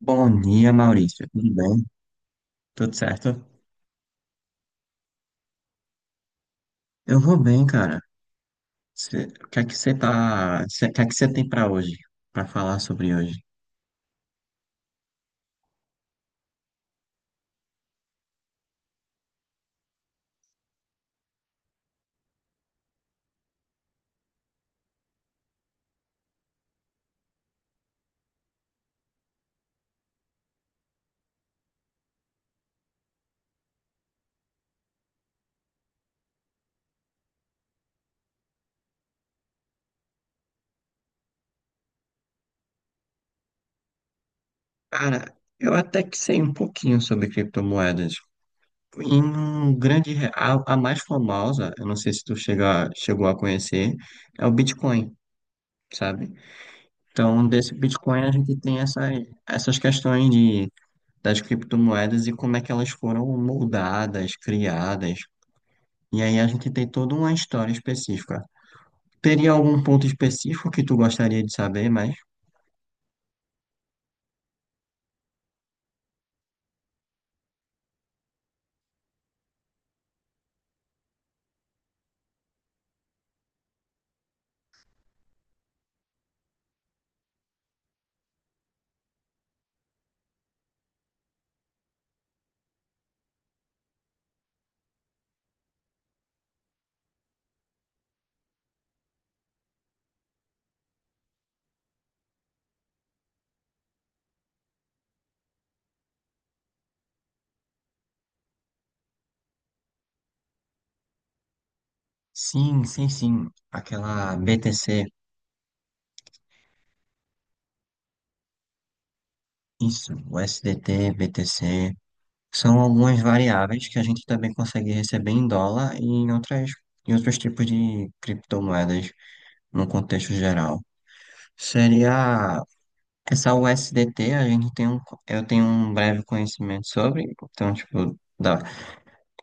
Bom dia, Maurício. Tudo bem? Tudo certo? Eu vou bem, cara. O que é que você tem para hoje, para falar sobre hoje? Cara, eu até que sei um pouquinho sobre criptomoedas. Em um grande, a mais famosa, eu não sei se chegou a conhecer, é o Bitcoin, sabe? Então, desse Bitcoin a gente tem essas questões das criptomoedas e como é que elas foram moldadas, criadas. E aí a gente tem toda uma história específica. Teria algum ponto específico que tu gostaria de saber, mas sim, sim, sim. Aquela BTC, isso, o SDT, BTC, são algumas variáveis que a gente também consegue receber em dólar e em outras, em outros tipos de criptomoedas no contexto geral. Seria essa USDT, a gente tem um, eu tenho um breve conhecimento sobre, então, tipo, dá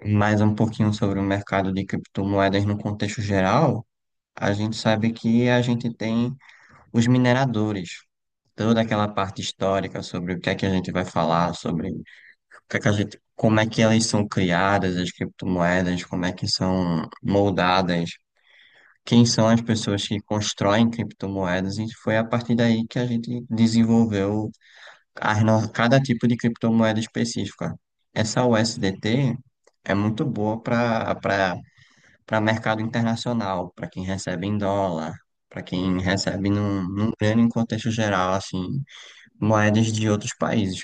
mais um pouquinho sobre o mercado de criptomoedas no contexto geral. A gente sabe que a gente tem os mineradores, toda aquela parte histórica sobre o que é que a gente vai falar, sobre o que é que a gente, como é que elas são criadas, as criptomoedas, como é que são moldadas, quem são as pessoas que constroem criptomoedas, e foi a partir daí que a gente desenvolveu as cada tipo de criptomoeda específica. Essa USDT é muito boa para mercado internacional, para quem recebe em dólar, para quem recebe num grande contexto geral, assim, moedas de outros países.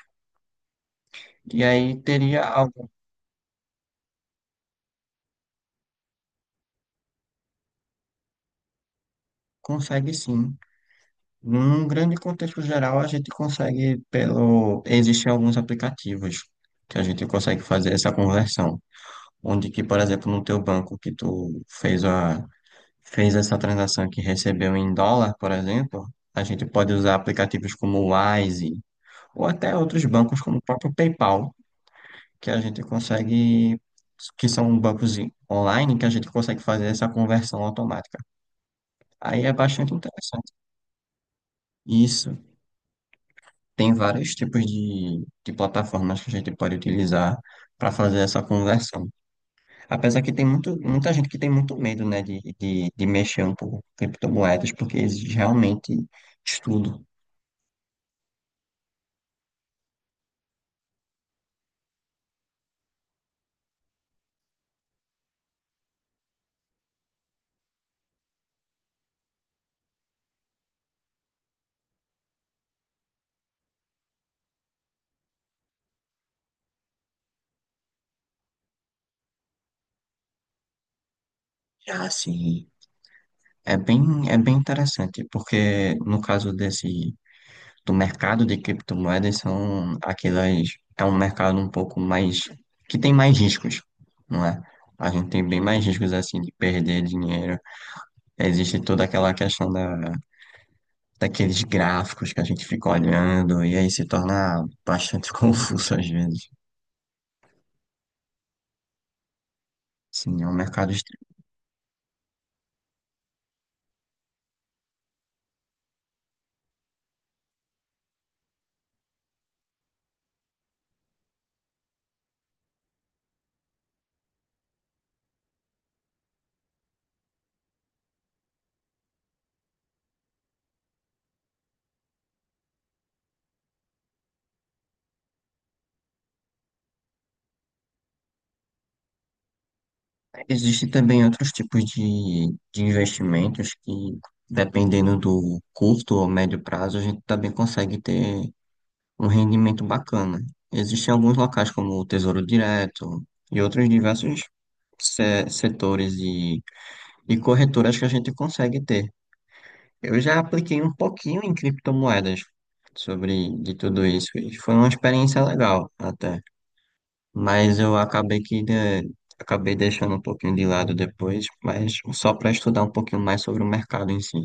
E aí teria algo, consegue sim. Num grande contexto geral, a gente consegue pelo. Existem alguns aplicativos que a gente consegue fazer essa conversão. Onde que, por exemplo, no teu banco que tu fez a fez essa transação que recebeu em dólar, por exemplo, a gente pode usar aplicativos como o Wise ou até outros bancos como o próprio PayPal, que a gente que são bancos online, que a gente consegue fazer essa conversão automática. Aí é bastante interessante. Isso. Tem vários tipos de plataformas que a gente pode utilizar para fazer essa conversão. Apesar que tem muita gente que tem muito medo, né, de mexer um pouco com criptomoedas, porque exige realmente estudo. Ah, assim, é bem, é bem interessante, porque no caso desse, do mercado de criptomoedas, são aquelas, é um mercado um pouco mais, que tem mais riscos, não é? A gente tem bem mais riscos assim de perder dinheiro. Existe toda aquela questão daqueles gráficos que a gente fica olhando e aí se torna bastante confuso às vezes. Sim, é um mercado. Existem também outros tipos de investimentos que, dependendo do curto ou médio prazo, a gente também consegue ter um rendimento bacana. Existem alguns locais como o Tesouro Direto e outros diversos setores e corretoras que a gente consegue ter. Eu já apliquei um pouquinho em criptomoedas sobre de tudo isso e foi uma experiência legal até, mas eu acabei que né, acabei deixando um pouquinho de lado depois, mas só para estudar um pouquinho mais sobre o mercado em si.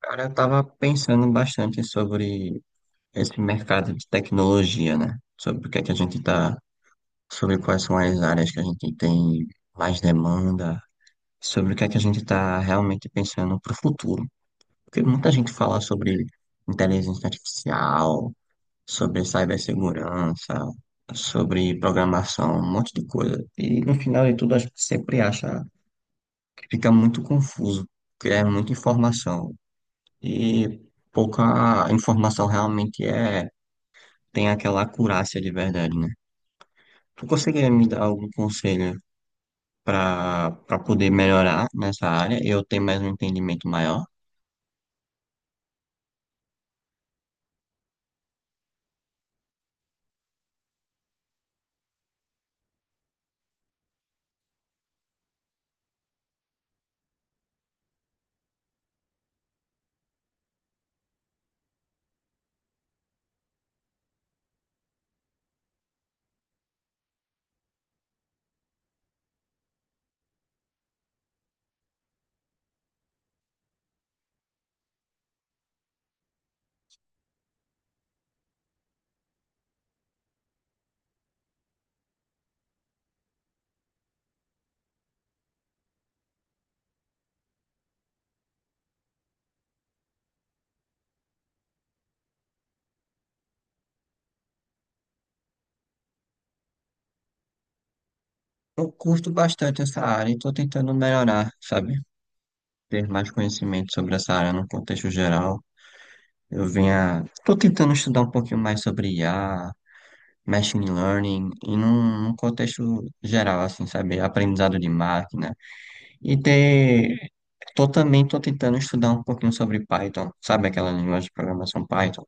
Cara, eu tava pensando bastante sobre esse mercado de tecnologia, né? Sobre o que é que a gente tá, sobre quais são as áreas que a gente tem mais demanda, sobre o que é que a gente tá realmente pensando para o futuro. Porque muita gente fala sobre inteligência artificial, sobre cibersegurança, sobre programação, um monte de coisa. E no final de tudo, a gente sempre acha que fica muito confuso, porque é muita informação. E pouca informação realmente é, tem aquela acurácia de verdade, né? Tu conseguiria me dar algum conselho para poder melhorar nessa área e eu ter mais um entendimento maior? Eu curto bastante essa área e estou tentando melhorar, sabe? Ter mais conhecimento sobre essa área no contexto geral. Tô tentando estudar um pouquinho mais sobre IA, machine learning, e num contexto geral, assim, sabe? Aprendizado de máquina. E ter, tô tentando estudar um pouquinho sobre Python, sabe aquela linguagem de programação Python?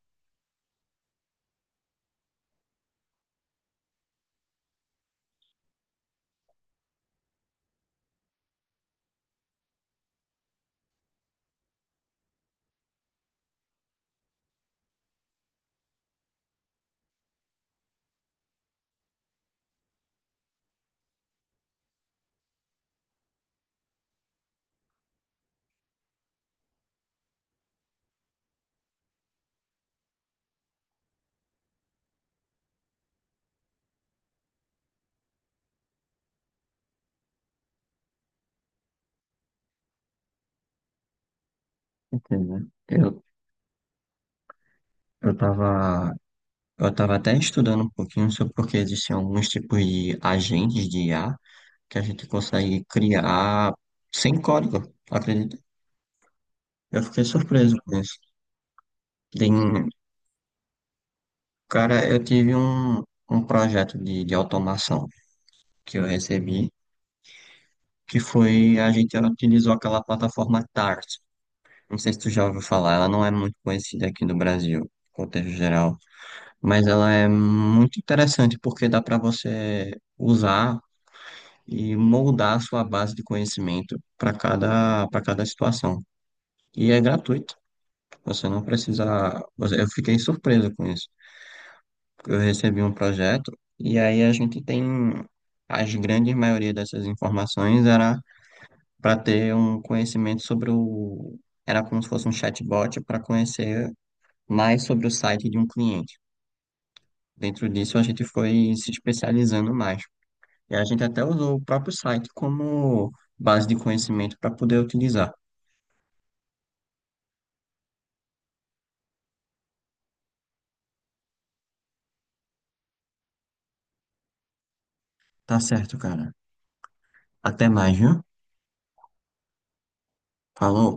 Entendeu? Eu tava, eu tava até estudando um pouquinho sobre porque existem alguns tipos de agentes de IA que a gente consegue criar sem código. Acredito. Eu fiquei surpreso com isso. Tem- cara, um projeto de automação que eu recebi, que foi, a gente utilizou aquela plataforma Tart. Não sei se tu já ouviu falar, ela não é muito conhecida aqui no Brasil, contexto geral, mas ela é muito interessante porque dá para você usar e moldar a sua base de conhecimento para cada situação. E é gratuito, você não precisa. Eu fiquei surpreso com isso. Eu recebi um projeto e aí a gente tem as grandes maioria dessas informações era para ter um conhecimento sobre o, era como se fosse um chatbot para conhecer mais sobre o site de um cliente. Dentro disso a gente foi se especializando mais. E a gente até usou o próprio site como base de conhecimento para poder utilizar. Tá certo, cara. Até mais, viu? Falou.